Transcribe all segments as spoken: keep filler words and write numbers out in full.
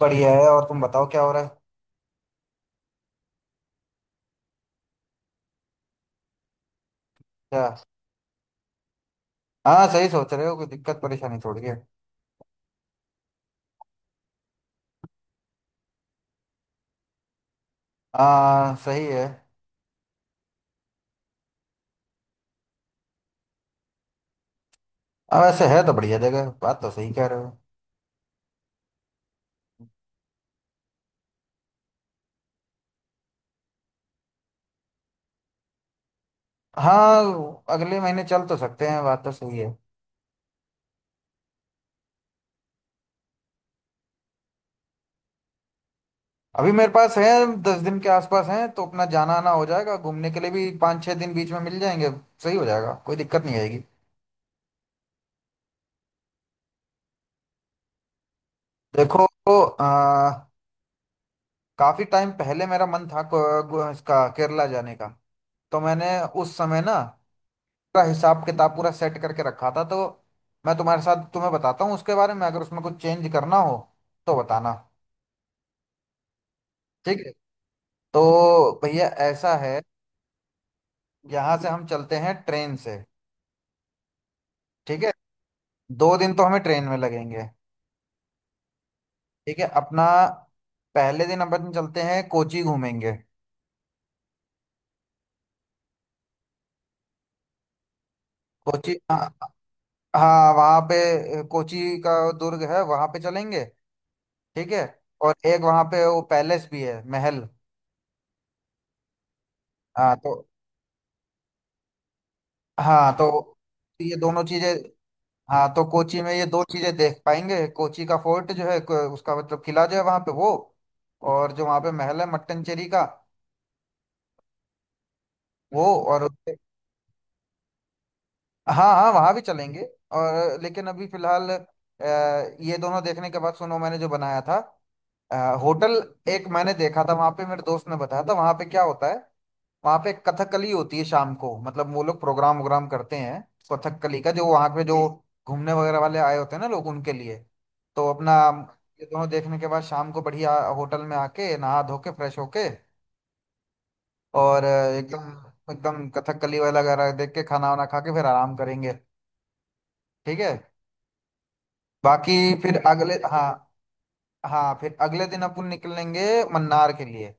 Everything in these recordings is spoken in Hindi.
बढ़िया है। और तुम बताओ क्या हो रहा है। क्या? हाँ, सही सोच रहे हो, कोई दिक्कत परेशानी थोड़ी है। हाँ सही है। हाँ, वैसे है तो बढ़िया जगह, बात तो सही कह रहे हो। हाँ, अगले महीने चल तो सकते हैं, बात तो सही है। अभी मेरे पास है दस दिन के आसपास हैं, तो अपना जाना आना हो जाएगा, घूमने के लिए भी पाँच छः दिन बीच में मिल जाएंगे। सही हो जाएगा, कोई दिक्कत नहीं आएगी। देखो, आ, काफी टाइम पहले मेरा मन था को- गो- इसका केरला जाने का। तो मैंने उस समय ना पूरा हिसाब किताब पूरा सेट करके रखा था। तो मैं तुम्हारे साथ तुम्हें बताता हूँ उसके बारे में, अगर उसमें कुछ चेंज करना हो तो बताना। ठीक है। तो भैया ऐसा है, यहाँ से हम चलते हैं ट्रेन से। ठीक है। दो दिन तो हमें ट्रेन में लगेंगे। ठीक है अपना। पहले दिन अपन चलते हैं कोची घूमेंगे। कोची, हाँ। हाँ, वहाँ पे कोची का दुर्ग है, वहाँ पे चलेंगे। ठीक है। और एक वहाँ पे वो पैलेस भी है, महल। हाँ तो हाँ तो ये दोनों चीजें। हाँ, तो कोची में ये दो चीजें देख पाएंगे, कोची का फोर्ट जो है को- उसका मतलब किला जो है वहां पे वो। और जो वहां पे महल है मट्टनचेरी का वो। और उसके- हाँ हाँ, वहां भी चलेंगे। और लेकिन अभी फिलहाल अ, ये दोनों देखने के बाद सुनो मैंने जो बनाया था, अ, होटल। एक मैंने देखा था वहां पे, मेरे दोस्त ने बताया था वहां पे क्या होता है। वहाँ पे कथकली होती है शाम को, मतलब वो लोग प्रोग्राम वोग्राम करते हैं कथकली का। जो वहाँ पे जो घूमने वगैरह वाले आए होते हैं ना लोग, उनके लिए। तो अपना ये दोनों देखने के बाद शाम को बढ़िया होटल में आके नहा धो के फ्रेश होके और अ, एकदम एकदम कथकली वाला वगैरह देख के खाना वाना खा के फिर आराम करेंगे। ठीक है। बाकी फिर अगले, हाँ। हाँ, फिर अगले दिन अपन निकलेंगे मन्नार के लिए।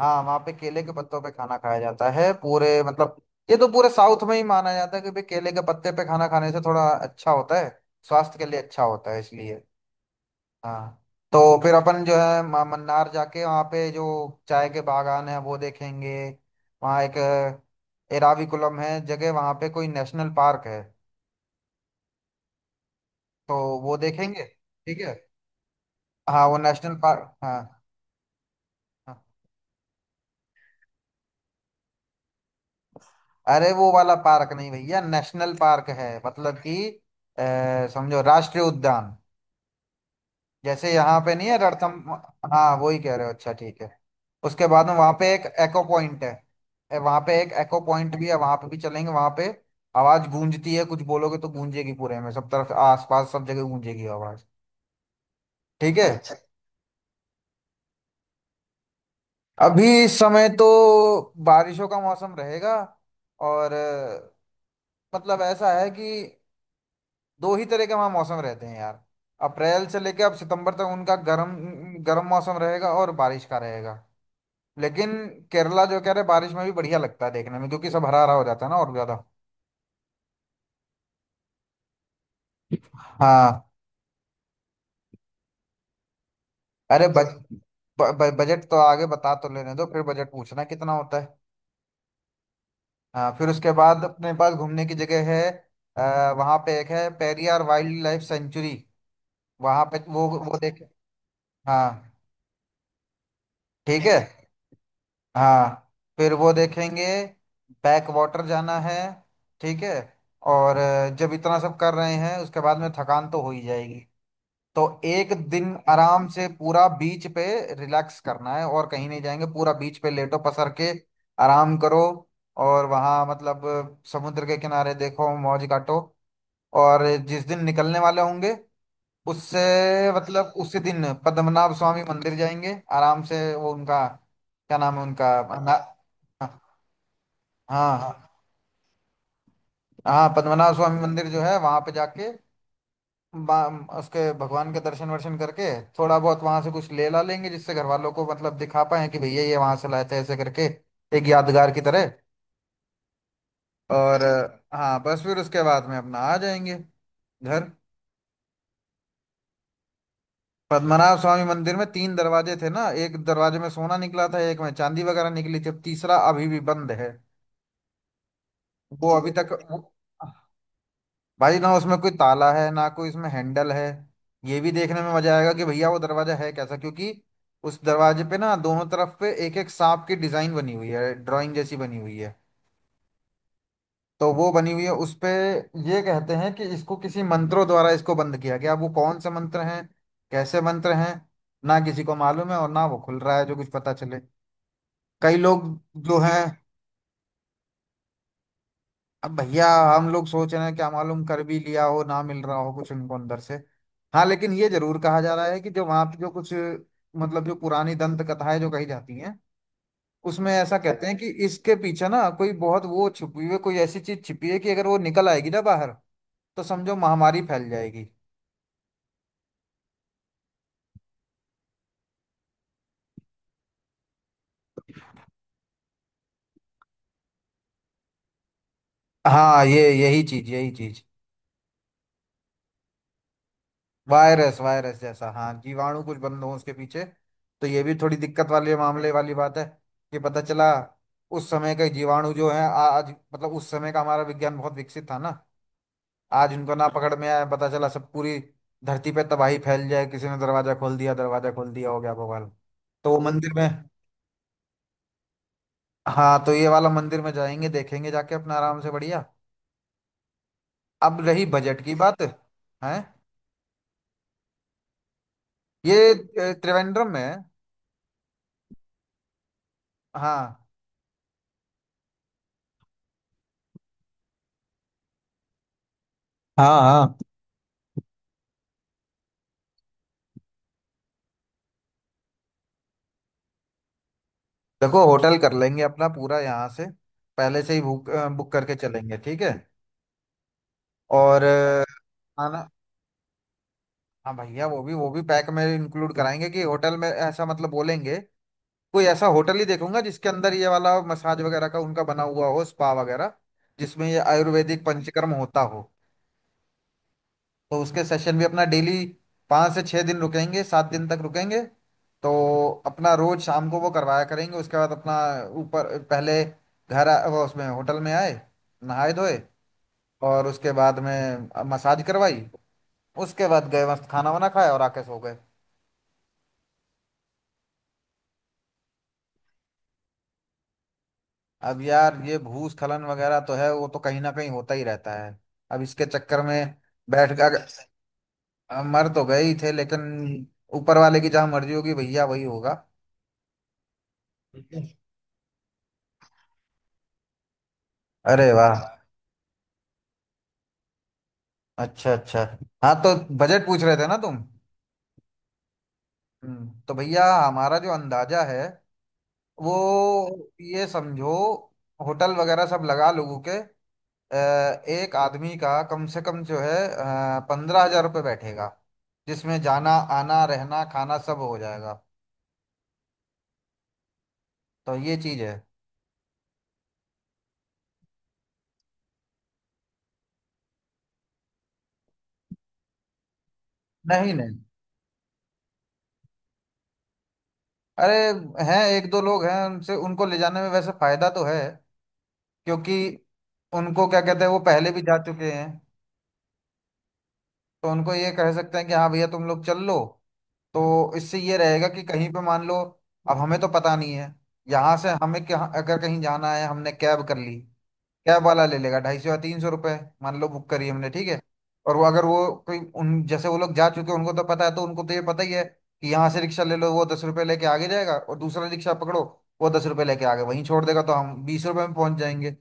हाँ, वहाँ पे केले के पत्तों पे खाना खाया जाता है पूरे, मतलब ये तो पूरे साउथ में ही माना जाता है कि भाई केले के पत्ते पे खाना खाने से थोड़ा अच्छा होता है, स्वास्थ्य के लिए अच्छा होता है, इसलिए। हाँ। तो फिर अपन जो है म- मन्नार जाके वहाँ पे जो चाय के बागान है वो देखेंगे। वहाँ एक अ, एराविकुलम है जगह, वहाँ पे कोई नेशनल पार्क है। तो वो देखेंगे। ठीक है। हाँ, वो नेशनल पार्क, हाँ। हाँ। अरे वो वाला पार्क नहीं भैया, नेशनल पार्क है, मतलब कि अ, समझो राष्ट्रीय उद्यान, जैसे यहाँ पे नहीं है रणथम। हाँ वही कह रहे हो, अच्छा ठीक है। उसके बाद में वहाँ पे एक एको पॉइंट है। ए, वहाँ पे एक एको पॉइंट भी है, वहाँ पे भी चलेंगे। वहाँ पे आवाज गूंजती है, कुछ बोलोगे तो गूंजेगी पूरे में, सब तरफ आसपास सब जगह गूंजेगी आवाज। ठीक है। अभी इस समय तो बारिशों का मौसम रहेगा और अ, मतलब ऐसा है कि दो ही तरह के वहाँ मौसम रहते हैं यार। अप्रैल से लेके अब सितंबर तक उनका गर्म गर्म मौसम रहेगा और बारिश का रहेगा। लेकिन केरला जो कह रहे बारिश में भी बढ़िया लगता है देखने में, क्योंकि सब हरा हरा हो जाता है ना, और ज्यादा। हाँ। अरे बज, ब, ब, बजट तो आगे बता तो लेने दो, फिर बजट पूछना कितना होता है। हाँ, फिर उसके बाद अपने पास घूमने की जगह है। आ, वहाँ पे एक है पेरियार वाइल्ड लाइफ सेंचुरी, वहाँ पे वो वो देख। हाँ। ठीक है, हाँ। फिर वो देखेंगे। बैक वाटर जाना है। ठीक है। और अ, जब इतना सब कर रहे हैं उसके बाद में थकान तो हो ही जाएगी। तो एक दिन आराम से पूरा बीच पे रिलैक्स करना है और कहीं नहीं जाएंगे, पूरा बीच पे लेटो पसर के आराम करो। और वहाँ मतलब अ, समुद्र के किनारे देखो मौज काटो। और जिस दिन निकलने वाले होंगे उससे, मतलब उसी दिन पद्मनाभ स्वामी मंदिर जाएंगे आराम से, वो उनका क्या नाम है उनका, ना। हाँ हाँ। हाँ, पद्मनाभ स्वामी मंदिर जो है वहां पे जाके बा- उसके भगवान के दर्शन वर्शन करके थोड़ा बहुत वहां से कुछ ले ला लेंगे, जिससे घर वालों को मतलब दिखा पाए कि भैया ये वहां से लाए थे ऐसे करके, एक यादगार की तरह। और हाँ, बस फिर उसके बाद में अपना आ जाएंगे घर। पद्मनाभ स्वामी मंदिर में तीन दरवाजे थे ना, एक दरवाजे में सोना निकला था, एक में चांदी वगैरह निकली थी, अब तीसरा अभी भी बंद है। वो अभी तक वो, भाई ना उसमें कोई ताला है ना कोई इसमें हैंडल है। ये भी देखने में मजा आएगा कि भैया वो दरवाजा है कैसा, क्योंकि उस दरवाजे पे ना दोनों तरफ पे एक एक सांप की डिजाइन बनी हुई है, ड्राइंग जैसी बनी हुई है। तो वो बनी हुई है उस पे। ये कहते हैं कि इसको किसी मंत्रों द्वारा इसको बंद किया गया, अब वो कौन से मंत्र हैं, कैसे मंत्र हैं, ना किसी को मालूम है और ना वो खुल रहा है जो कुछ पता चले। कई लोग जो हैं, अब भैया हम लोग सोच रहे हैं क्या मालूम कर भी लिया हो, ना मिल रहा हो कुछ उनको अंदर से। हाँ, लेकिन ये जरूर कहा जा रहा है कि जो वहाँ पे जो कुछ, मतलब जो पुरानी दंत कथाएं जो कही जाती हैं उसमें ऐसा कहते हैं कि इसके पीछे ना कोई बहुत वो छुपी हुई कोई ऐसी चीज छिपी है कि अगर वो निकल आएगी ना बाहर, तो समझो महामारी फैल जाएगी। हाँ, ये यही चीज यही चीज, वायरस वायरस जैसा, हाँ जीवाणु कुछ बंद हो उसके पीछे, तो ये भी थोड़ी दिक्कत वाले मामले वाली बात है कि पता चला उस समय के जीवाणु जो है आज, मतलब उस समय का हमारा विज्ञान बहुत विकसित था ना, आज उनको ना पकड़ में आया, पता चला सब पूरी धरती पे तबाही फैल जाए, किसी ने दरवाजा खोल दिया, दरवाजा खोल दिया, हो गया भगवान। तो वो मंदिर में, हाँ तो ये वाला मंदिर में जाएंगे देखेंगे जाके अपना आराम से बढ़िया। अब रही बजट की बात, है ये अ, त्रिवेंद्रम में है। हाँ हाँ। हाँ, देखो होटल कर लेंगे अपना पूरा यहाँ से पहले से ही बुक, बुक करके चलेंगे। ठीक है। और अ, खाना, हाँ भैया, वो भी वो भी पैक में इंक्लूड कराएंगे कि होटल में, ऐसा मतलब बोलेंगे कोई ऐसा होटल ही देखूंगा जिसके अंदर ये वाला मसाज वगैरह का उनका बना हुआ हो, स्पा वगैरह जिसमें ये आयुर्वेदिक पंचकर्म होता हो। तो उसके सेशन भी अपना डेली, पाँच से छः दिन रुकेंगे, सात दिन तक रुकेंगे। तो अपना रोज शाम को वो करवाया करेंगे। उसके बाद अपना ऊपर पहले घर आ- वो उसमें होटल में आए, नहाए धोए और उसके बाद में मसाज करवाई, उसके बाद गए मस्त खाना वाना खाया और आके सो गए। अब यार ये भूस्खलन वगैरह तो है, वो तो कहीं ना कहीं होता ही रहता है। अब इसके चक्कर में बैठ कर, अ, मर तो गए ही थे, लेकिन ऊपर वाले की जहाँ मर्जी होगी भैया वही होगा। अरे वाह। अच्छा अच्छा। हाँ तो बजट पूछ रहे थे ना तुम। हम्म, तो भैया हमारा जो अंदाजा है वो, ये समझो, होटल वगैरह सब लगा लोगों के, अ, एक आदमी का कम से कम जो है पंद्रह हजार रुपये बैठेगा, जिसमें जाना आना रहना खाना सब हो जाएगा। तो ये चीज है। नहीं नहीं, अरे हैं, एक दो लोग हैं उनसे, उनको ले जाने में वैसे फायदा तो है क्योंकि उनको क्या कहते हैं, वो पहले भी जा चुके हैं, तो उनको ये कह सकते हैं कि हाँ भैया तुम लोग चल लो। तो इससे ये रहेगा कि कहीं पे मान लो, अब हमें तो पता नहीं है, यहाँ से हमें क्या, अगर कहीं जाना है हमने कैब कर ली, कैब वाला ले लेगा ढाई सौ या तीन सौ रुपये, मान लो बुक करी हमने, ठीक है। और वो अगर वो कोई, उन जैसे वो लोग जा चुके हैं उनको तो पता है, तो उनको तो ये पता ही है कि यहाँ से रिक्शा ले लो, वो दस रुपये लेके आगे जाएगा और दूसरा रिक्शा पकड़ो, वो दस रुपये लेके आगे वहीं छोड़ देगा, तो हम बीस रुपये में पहुंच जाएंगे।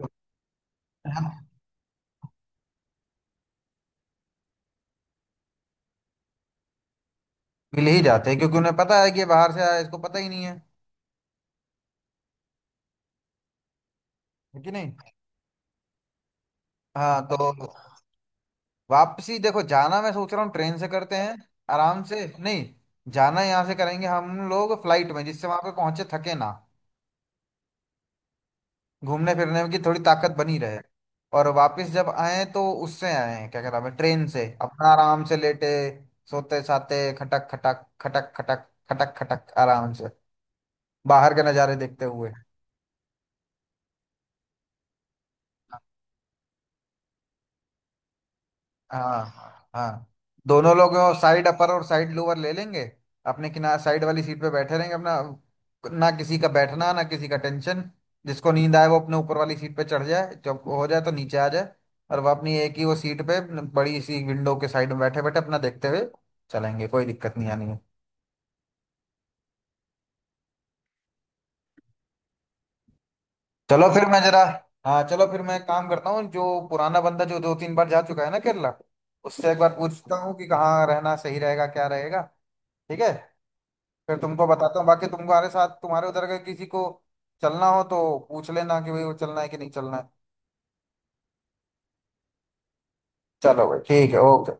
तो हम मिल ही जाते हैं क्योंकि उन्हें पता है कि ये बाहर से आया है, इसको पता ही नहीं है, है कि नहीं। हाँ तो वापसी देखो, जाना मैं सोच रहा हूँ ट्रेन से करते हैं आराम से। नहीं, जाना यहाँ से करेंगे हम लोग फ्लाइट में, जिससे वहां पे पहुंचे थके ना, घूमने फिरने की थोड़ी ताकत बनी रहे। और वापस जब आए तो उससे आए, क्या कहते हैं ट्रेन से, अपना आराम से लेटे सोते साते, खटक खटक खटक खटक खटक खटक, आराम से बाहर के नज़ारे देखते हुए। हाँ हाँ हाँ। दोनों लोग साइड अपर और साइड लोअर ले लेंगे, अपने किनारे साइड वाली सीट पे बैठे रहेंगे अपना। ना किसी का बैठना ना किसी का टेंशन, जिसको नींद आए वो अपने ऊपर वाली सीट पे चढ़ जाए, जब हो जाए तो नीचे आ जाए। और वो अपनी एक ही वो सीट पे, बड़ी सी विंडो के साइड में बैठे बैठे अपना देखते हुए चलेंगे, कोई दिक्कत नहीं आनी है। चलो फिर मैं जरा, हाँ चलो फिर मैं काम करता हूँ, जो पुराना बंदा जो दो तीन बार जा चुका है ना केरला, उससे एक बार पूछता हूँ कि कहाँ रहना सही रहेगा क्या रहेगा। ठीक है। फिर तुमको बताता हूँ। बाकी तुम्हारे साथ तुम्हारे उधर का किसी को चलना हो तो पूछ लेना कि भाई वो चलना है कि नहीं चलना है। चलो भाई ठीक है, ओके।